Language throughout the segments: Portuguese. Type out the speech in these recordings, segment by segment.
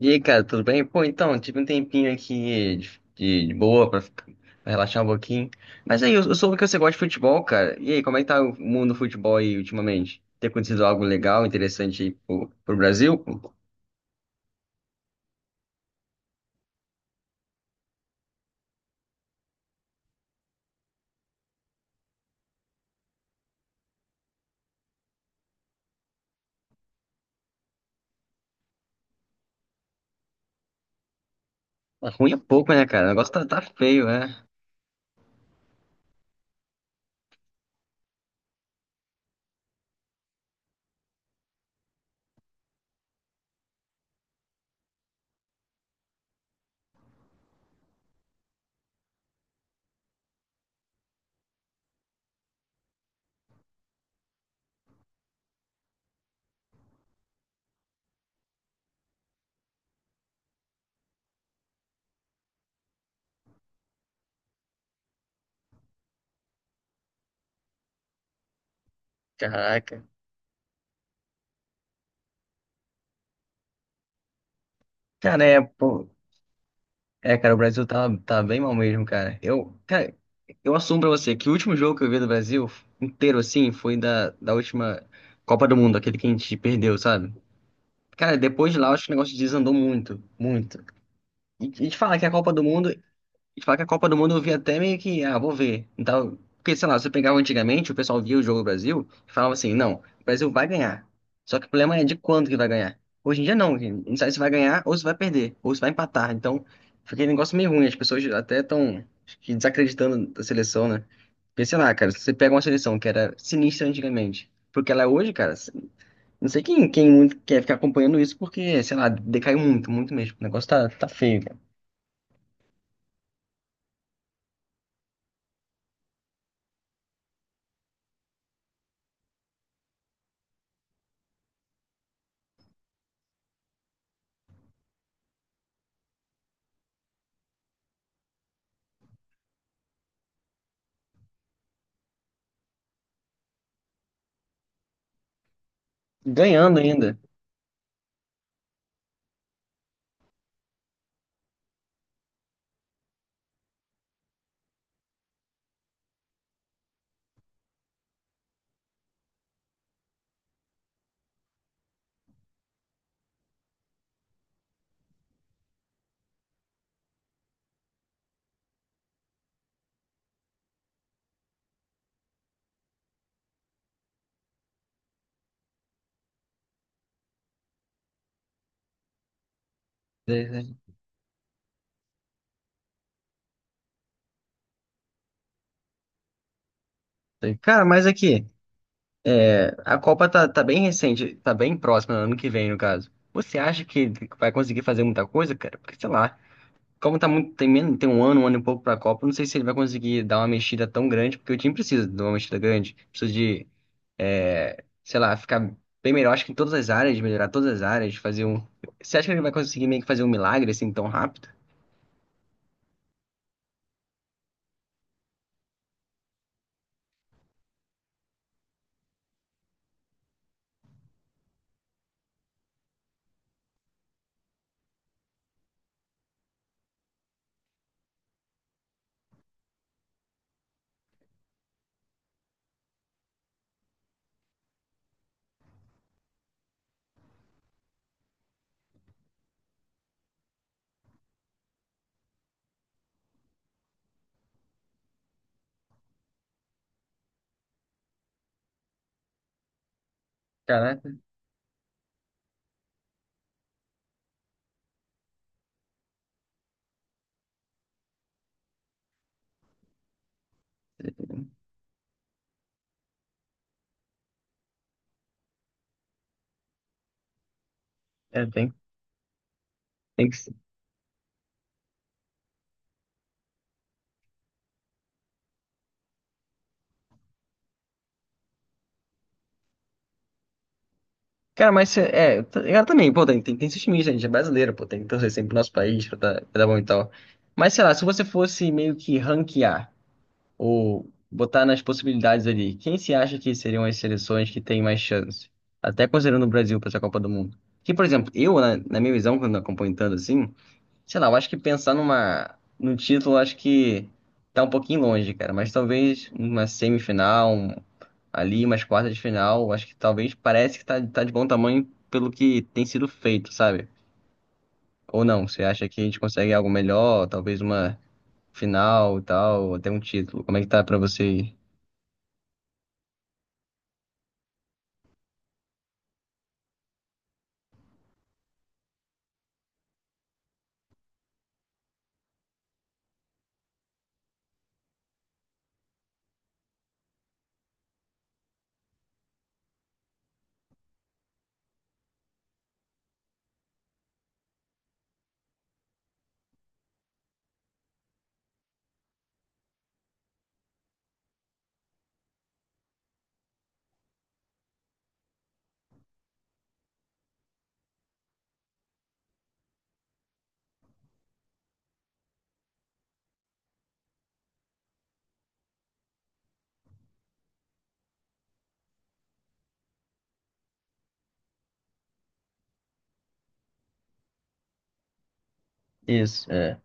E aí, cara, tudo bem? Pô, então, tive um tempinho aqui de boa pra, pra relaxar um pouquinho. Mas aí, eu soube que você gosta de futebol, cara. E aí, como é que tá o mundo do futebol aí ultimamente? Tem acontecido algo legal, interessante aí pro Brasil? Mas ruim é pouco, né, cara? O negócio tá feio, né? Caraca. Cara, é, pô. É, cara, o Brasil tá bem mal mesmo, cara. Eu, cara, eu assumo pra você que o último jogo que eu vi do Brasil inteiro, assim, foi da última Copa do Mundo, aquele que a gente perdeu, sabe? Cara, depois de lá, eu acho que o negócio desandou muito, muito. E te falar que a Copa do Mundo, e te falar que a Copa do Mundo eu vi até meio que, ah, vou ver. Então, porque, sei lá, você pegava antigamente, o pessoal via o jogo do Brasil e falava assim, não, o Brasil vai ganhar. Só que o problema é de quando que vai ganhar. Hoje em dia não, que não sabe se vai ganhar ou se vai perder, ou se vai empatar. Então, fica um negócio meio ruim, as pessoas até estão desacreditando da seleção, né? Porque, sei lá, cara, se você pega uma seleção que era sinistra antigamente, porque ela é hoje, cara. Não sei quem muito quer ficar acompanhando isso, porque, sei lá, decaiu muito, muito mesmo. O negócio tá feio, cara. Ganhando ainda. É, é. Cara, mas aqui, é, a Copa tá bem recente, tá bem próxima, ano que vem, no caso. Você acha que vai conseguir fazer muita coisa, cara? Porque, sei lá, como tá muito, tem, tem um ano e pouco pra Copa, eu não sei se ele vai conseguir dar uma mexida tão grande, porque o time precisa de uma mexida grande. Precisa de, é, sei lá, ficar bem melhor, acho que em todas as áreas, melhorar todas as áreas, fazer um. Você acha que ele vai conseguir meio que fazer um milagre assim tão rápido? Caraca, é, tem, tem que ser. Cara, mas é, eu também, pô, tem esse time, gente, é brasileiro, pô, tem que torcer sempre pro nosso país pra dar bom e tal. Mas sei lá, se você fosse meio que ranquear, ou botar nas possibilidades ali, quem se acha que seriam as seleções que têm mais chance? Até considerando o Brasil para essa Copa do Mundo. Que, por exemplo, eu, na minha visão, quando acompanho tanto assim, sei lá, eu acho que pensar num título, eu acho que tá um pouquinho longe, cara. Mas talvez uma semifinal, ali, umas quartas de final, eu acho que talvez parece que tá de bom tamanho pelo que tem sido feito, sabe? Ou não, você acha que a gente consegue algo melhor, talvez uma final e tal, ou até um título? Como é que tá pra você? Aí? Isso, é.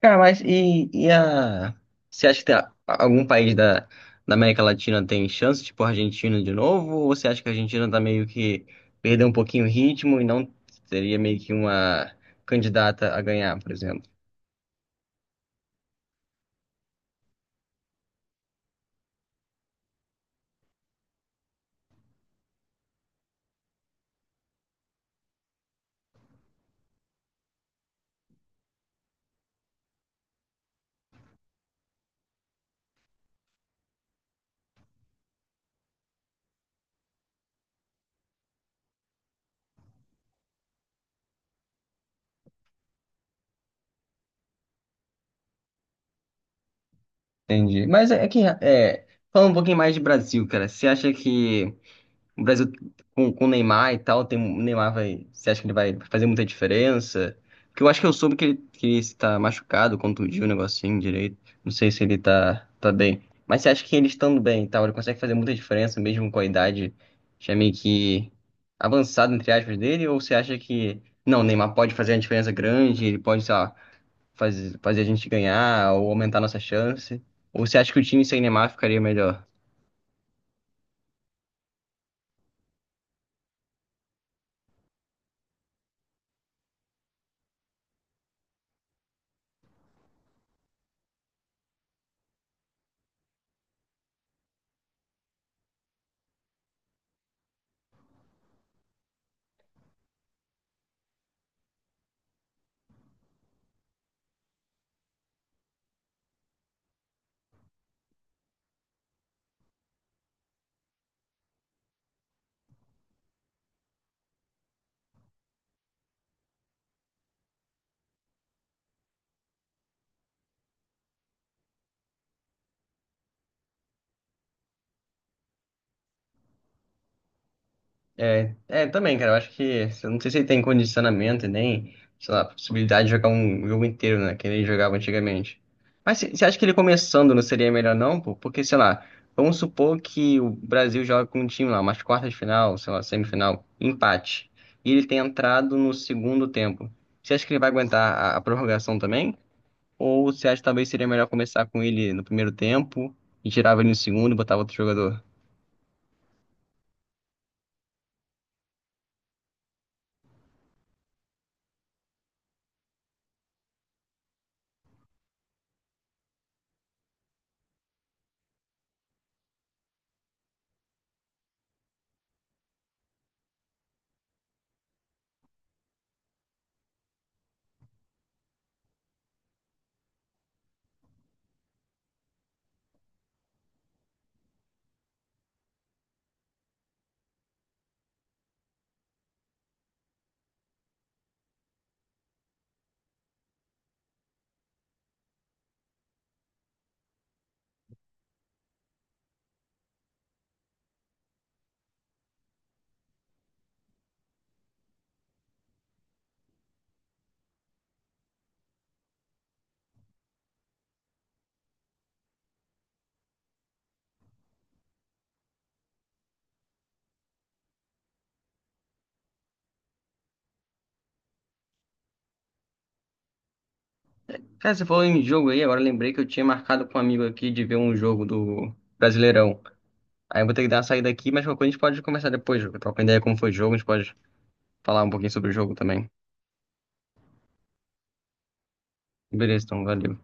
Cara, mas e a. Você acha que tem algum país da, da América Latina tem chance, tipo a Argentina de novo? Ou você acha que a Argentina tá meio que perdeu um pouquinho o ritmo e não seria meio que uma candidata a ganhar, por exemplo? Entendi. Mas é que. É, falando um pouquinho mais de Brasil, cara, você acha que. O Brasil com o Neymar e tal, tem, o Neymar vai. Você acha que ele vai fazer muita diferença? Porque eu acho que eu soube que ele está machucado, contundiu o negocinho direito. Não sei se ele tá bem. Mas você acha que ele estando bem e tal, ele consegue fazer muita diferença mesmo com a idade já meio que avançada, entre aspas, dele? Ou você acha que. Não, o Neymar pode fazer uma diferença grande, ele pode, sei lá, fazer, fazer a gente ganhar ou aumentar a nossa chance? Ou você acha que o time sem Neymar ficaria melhor? É, é, também, cara, eu acho que, eu não sei se ele tem condicionamento e nem, sei lá, possibilidade de jogar um jogo inteiro, né, que ele jogava antigamente. Mas você acha que ele começando não seria melhor não, pô? Porque, sei lá, vamos supor que o Brasil joga com um time lá, umas quartas de final, sei lá, semifinal, empate, e ele tem entrado no segundo tempo. Você acha que ele vai aguentar a prorrogação também? Ou você acha que talvez seria melhor começar com ele no primeiro tempo e tirava ele no segundo e botava outro jogador? Cara, você falou em jogo aí, agora eu lembrei que eu tinha marcado com um amigo aqui de ver um jogo do Brasileirão. Aí eu vou ter que dar uma saída aqui, mas qualquer coisa a gente pode conversar depois, jogo. Troca ideia como foi o jogo, a gente pode falar um pouquinho sobre o jogo também. Beleza, então, valeu.